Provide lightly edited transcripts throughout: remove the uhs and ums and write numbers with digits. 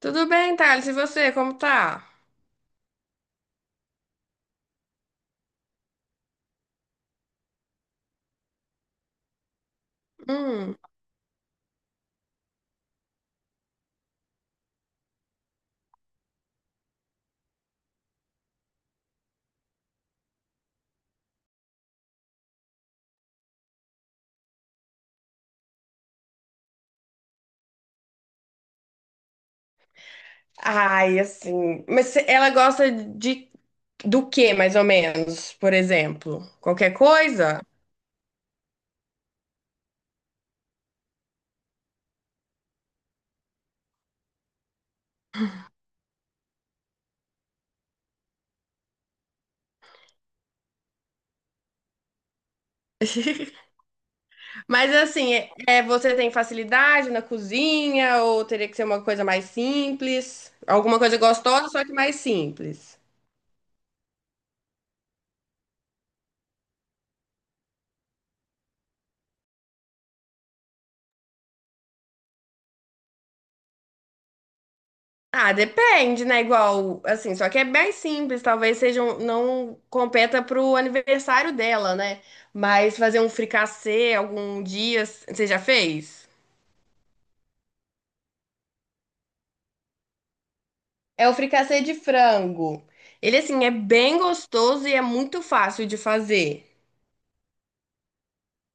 Tudo bem, Thales? E você, como tá? Hum. Ai, assim. Ela gosta de do que, mais ou menos? Por exemplo, qualquer coisa? Mas assim, você tem facilidade na cozinha ou teria que ser uma coisa mais simples? Alguma coisa gostosa, só que mais simples. Ah, depende, né? Igual, assim, só que é bem simples, não competa pro aniversário dela, né? Mas fazer um fricassê algum dia, você já fez? É o fricassê de frango. Ele, assim, é bem gostoso e é muito fácil de fazer.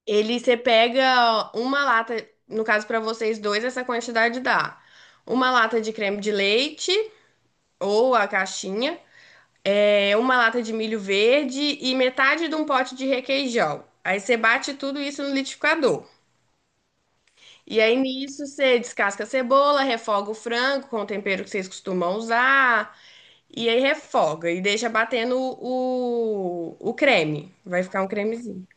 Ele, você pega uma lata, no caso para vocês dois, essa quantidade dá. Uma lata de creme de leite ou a caixinha. É, uma lata de milho verde e metade de um pote de requeijão. Aí você bate tudo isso no liquidificador. E aí nisso você descasca a cebola, refoga o frango com o tempero que vocês costumam usar. E aí refoga e deixa batendo o creme. Vai ficar um cremezinho.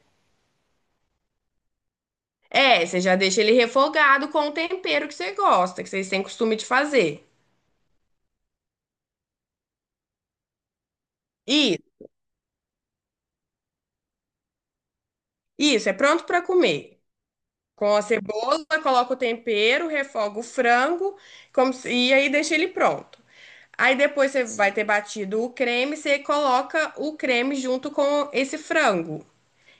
É, você já deixa ele refogado com o tempero que você gosta, que vocês têm costume de fazer. Isso, isso, é pronto para comer. Com a cebola, coloca o tempero, refoga o frango, como se- e aí deixa ele pronto. Aí depois você vai ter batido o creme, você coloca o creme junto com esse frango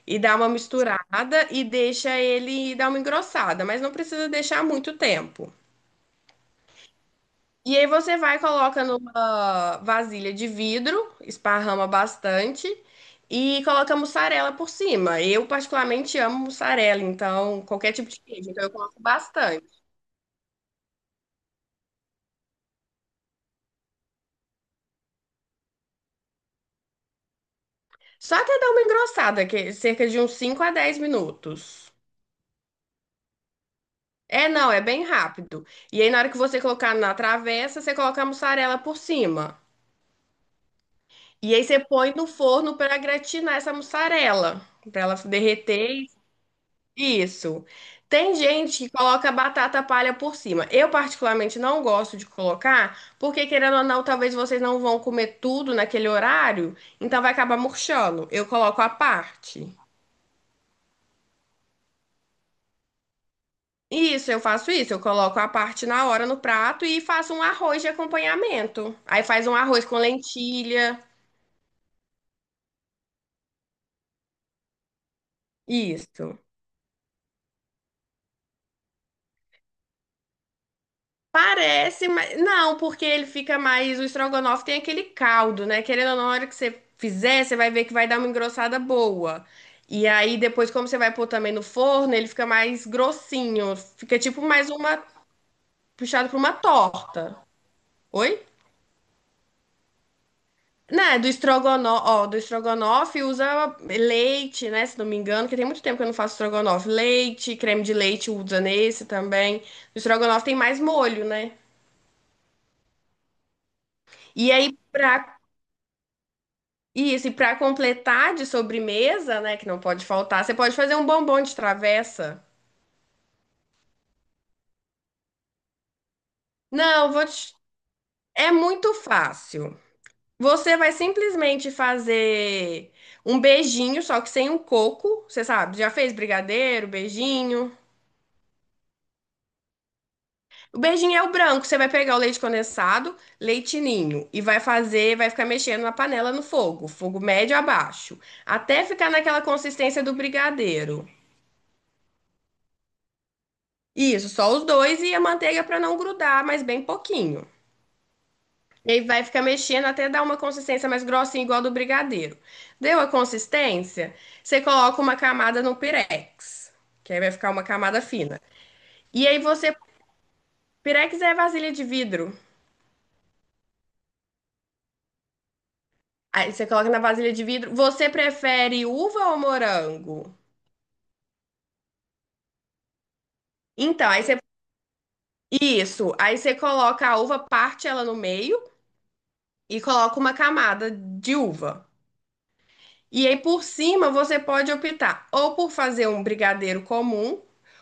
e dá uma misturada e deixa ele dar uma engrossada, mas não precisa deixar muito tempo. E aí você vai coloca numa vasilha de vidro, esparrama bastante e coloca mussarela por cima. Eu particularmente amo mussarela, então qualquer tipo de queijo, então eu coloco bastante. Só até dar uma engrossada, que é cerca de uns 5 a 10 minutos. É, não, é bem rápido. E aí, na hora que você colocar na travessa, você coloca a mussarela por cima. E aí, você põe no forno para gratinar essa mussarela, para ela se derreter. Isso. Tem gente que coloca batata palha por cima. Eu, particularmente, não gosto de colocar, porque, querendo ou não, talvez vocês não vão comer tudo naquele horário, então vai acabar murchando. Eu coloco à parte. Isso, eu faço isso. Eu coloco a parte na hora no prato e faço um arroz de acompanhamento. Aí faz um arroz com lentilha. Isso. Parece, mas não, porque ele fica mais. O estrogonofe tem aquele caldo, né? Querendo ou não, na hora que você fizer, você vai ver que vai dar uma engrossada boa. E aí depois, como você vai pôr também no forno, ele fica mais grossinho. Fica tipo mais uma. Puxado pra uma torta. Oi? Né, do estrogonofe, ó, do estrogonofe usa leite, né, se não me engano, que tem muito tempo que eu não faço estrogonofe. Leite, creme de leite usa nesse também. No estrogonofe tem mais molho, né? E aí, pra, isso, e pra completar de sobremesa, né, que não pode faltar, você pode fazer um bombom de travessa. Não, vou te... é muito fácil. Você vai simplesmente fazer um beijinho, só que sem o coco, você sabe, já fez brigadeiro, beijinho. O beijinho é o branco. Você vai pegar o leite condensado, leite ninho e vai fazer, vai ficar mexendo na panela no fogo, fogo médio a baixo, até ficar naquela consistência do brigadeiro. Isso, só os dois e a manteiga para não grudar, mas bem pouquinho. E aí vai ficar mexendo até dar uma consistência mais grossinha, igual a do brigadeiro. Deu a consistência? Você coloca uma camada no pirex, que aí vai ficar uma camada fina. E aí você, pirex é vasilha de vidro. Aí você coloca na vasilha de vidro. Você prefere uva ou morango? Então, aí você. Isso. Aí você coloca a uva, parte ela no meio e coloca uma camada de uva. E aí por cima você pode optar ou por fazer um brigadeiro comum,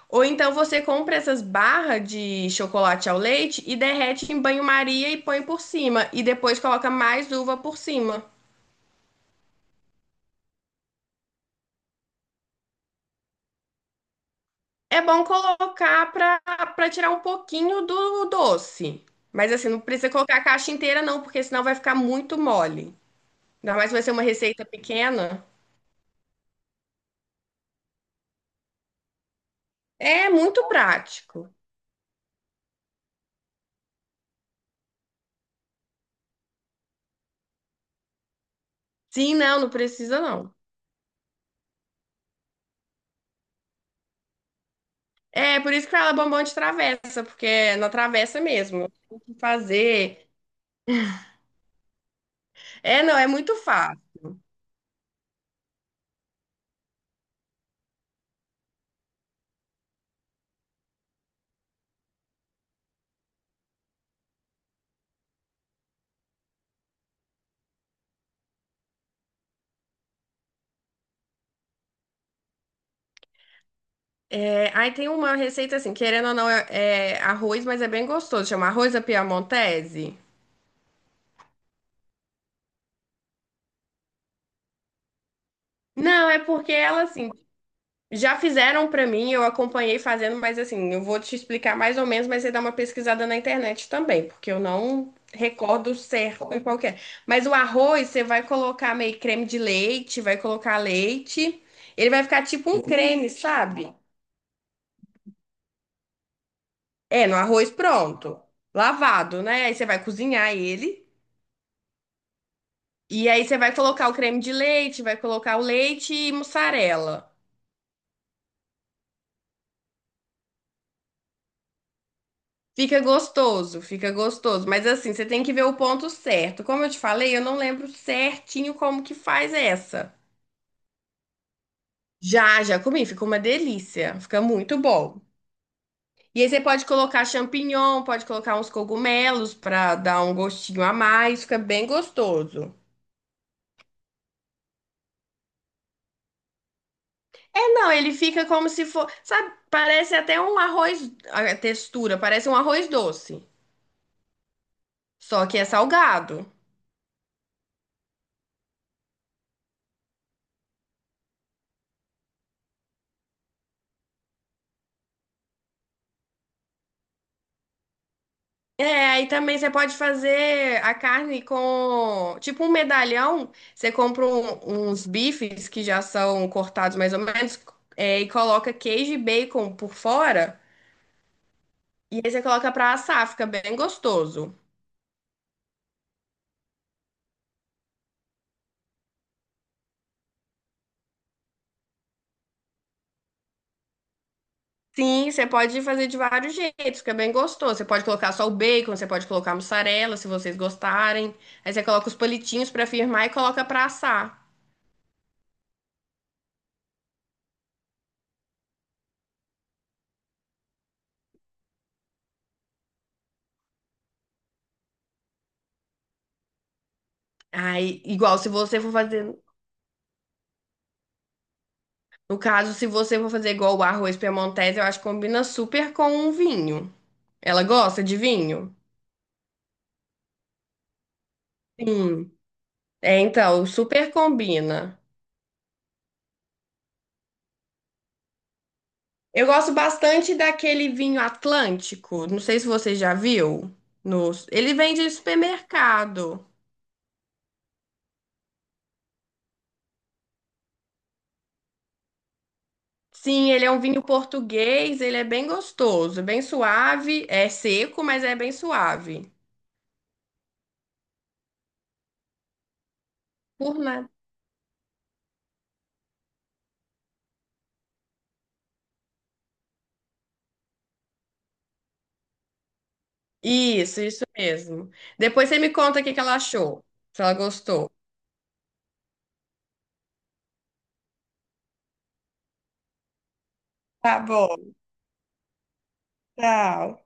ou então você compra essas barras de chocolate ao leite e derrete em banho-maria e põe por cima. E depois coloca mais uva por cima. É bom colocar para tirar um pouquinho do doce. Mas assim, não precisa colocar a caixa inteira, não, porque senão vai ficar muito mole. Ainda mais se vai ser uma receita pequena. É muito prático. Sim, não, não precisa, não. É por isso que fala bombom de travessa, porque é na travessa mesmo. Tem que fazer. É, não, é muito fácil. É, aí tem uma receita assim, querendo ou não, é arroz, mas é bem gostoso. Chama arroz à piamontese. Não, é porque ela assim, já fizeram pra mim, eu acompanhei fazendo, mas assim, eu vou te explicar mais ou menos, mas você dá uma pesquisada na internet também, porque eu não recordo certo em qualquer. Mas o arroz, você vai colocar meio creme de leite, vai colocar leite, ele vai ficar tipo um creme, sabe? É, no arroz pronto, lavado, né? Aí você vai cozinhar ele, e aí você vai colocar o creme de leite, vai colocar o leite e mussarela. Fica gostoso, fica gostoso. Mas assim, você tem que ver o ponto certo. Como eu te falei, eu não lembro certinho como que faz essa. Já, já comi, fica uma delícia. Fica muito bom. E aí você pode colocar champignon, pode colocar uns cogumelos pra dar um gostinho a mais, fica bem gostoso. É, não, ele fica como se for, sabe, parece até um arroz, a textura, parece um arroz doce, só que é salgado. É, aí também você pode fazer a carne com, tipo um medalhão, você compra uns bifes que já são cortados mais ou menos, é, e coloca queijo e bacon por fora, e aí você coloca pra assar, fica bem gostoso. Sim, você pode fazer de vários jeitos, fica bem gostoso. Você pode colocar só o bacon, você pode colocar mussarela, se vocês gostarem. Aí você coloca os palitinhos pra firmar e coloca pra assar. Aí, igual se você for fazer No caso, se você for fazer igual o arroz piemontese, eu acho que combina super com um vinho. Ela gosta de vinho? Sim. É, então, super combina. Eu gosto bastante daquele vinho Atlântico. Não sei se você já viu. Nos... ele vende em supermercado. Sim, ele é um vinho português, ele é bem gostoso. É bem suave, é seco, mas é bem suave. Por nada. Isso mesmo. Depois você me conta o que que ela achou, se ela gostou. Tá bom, tchau.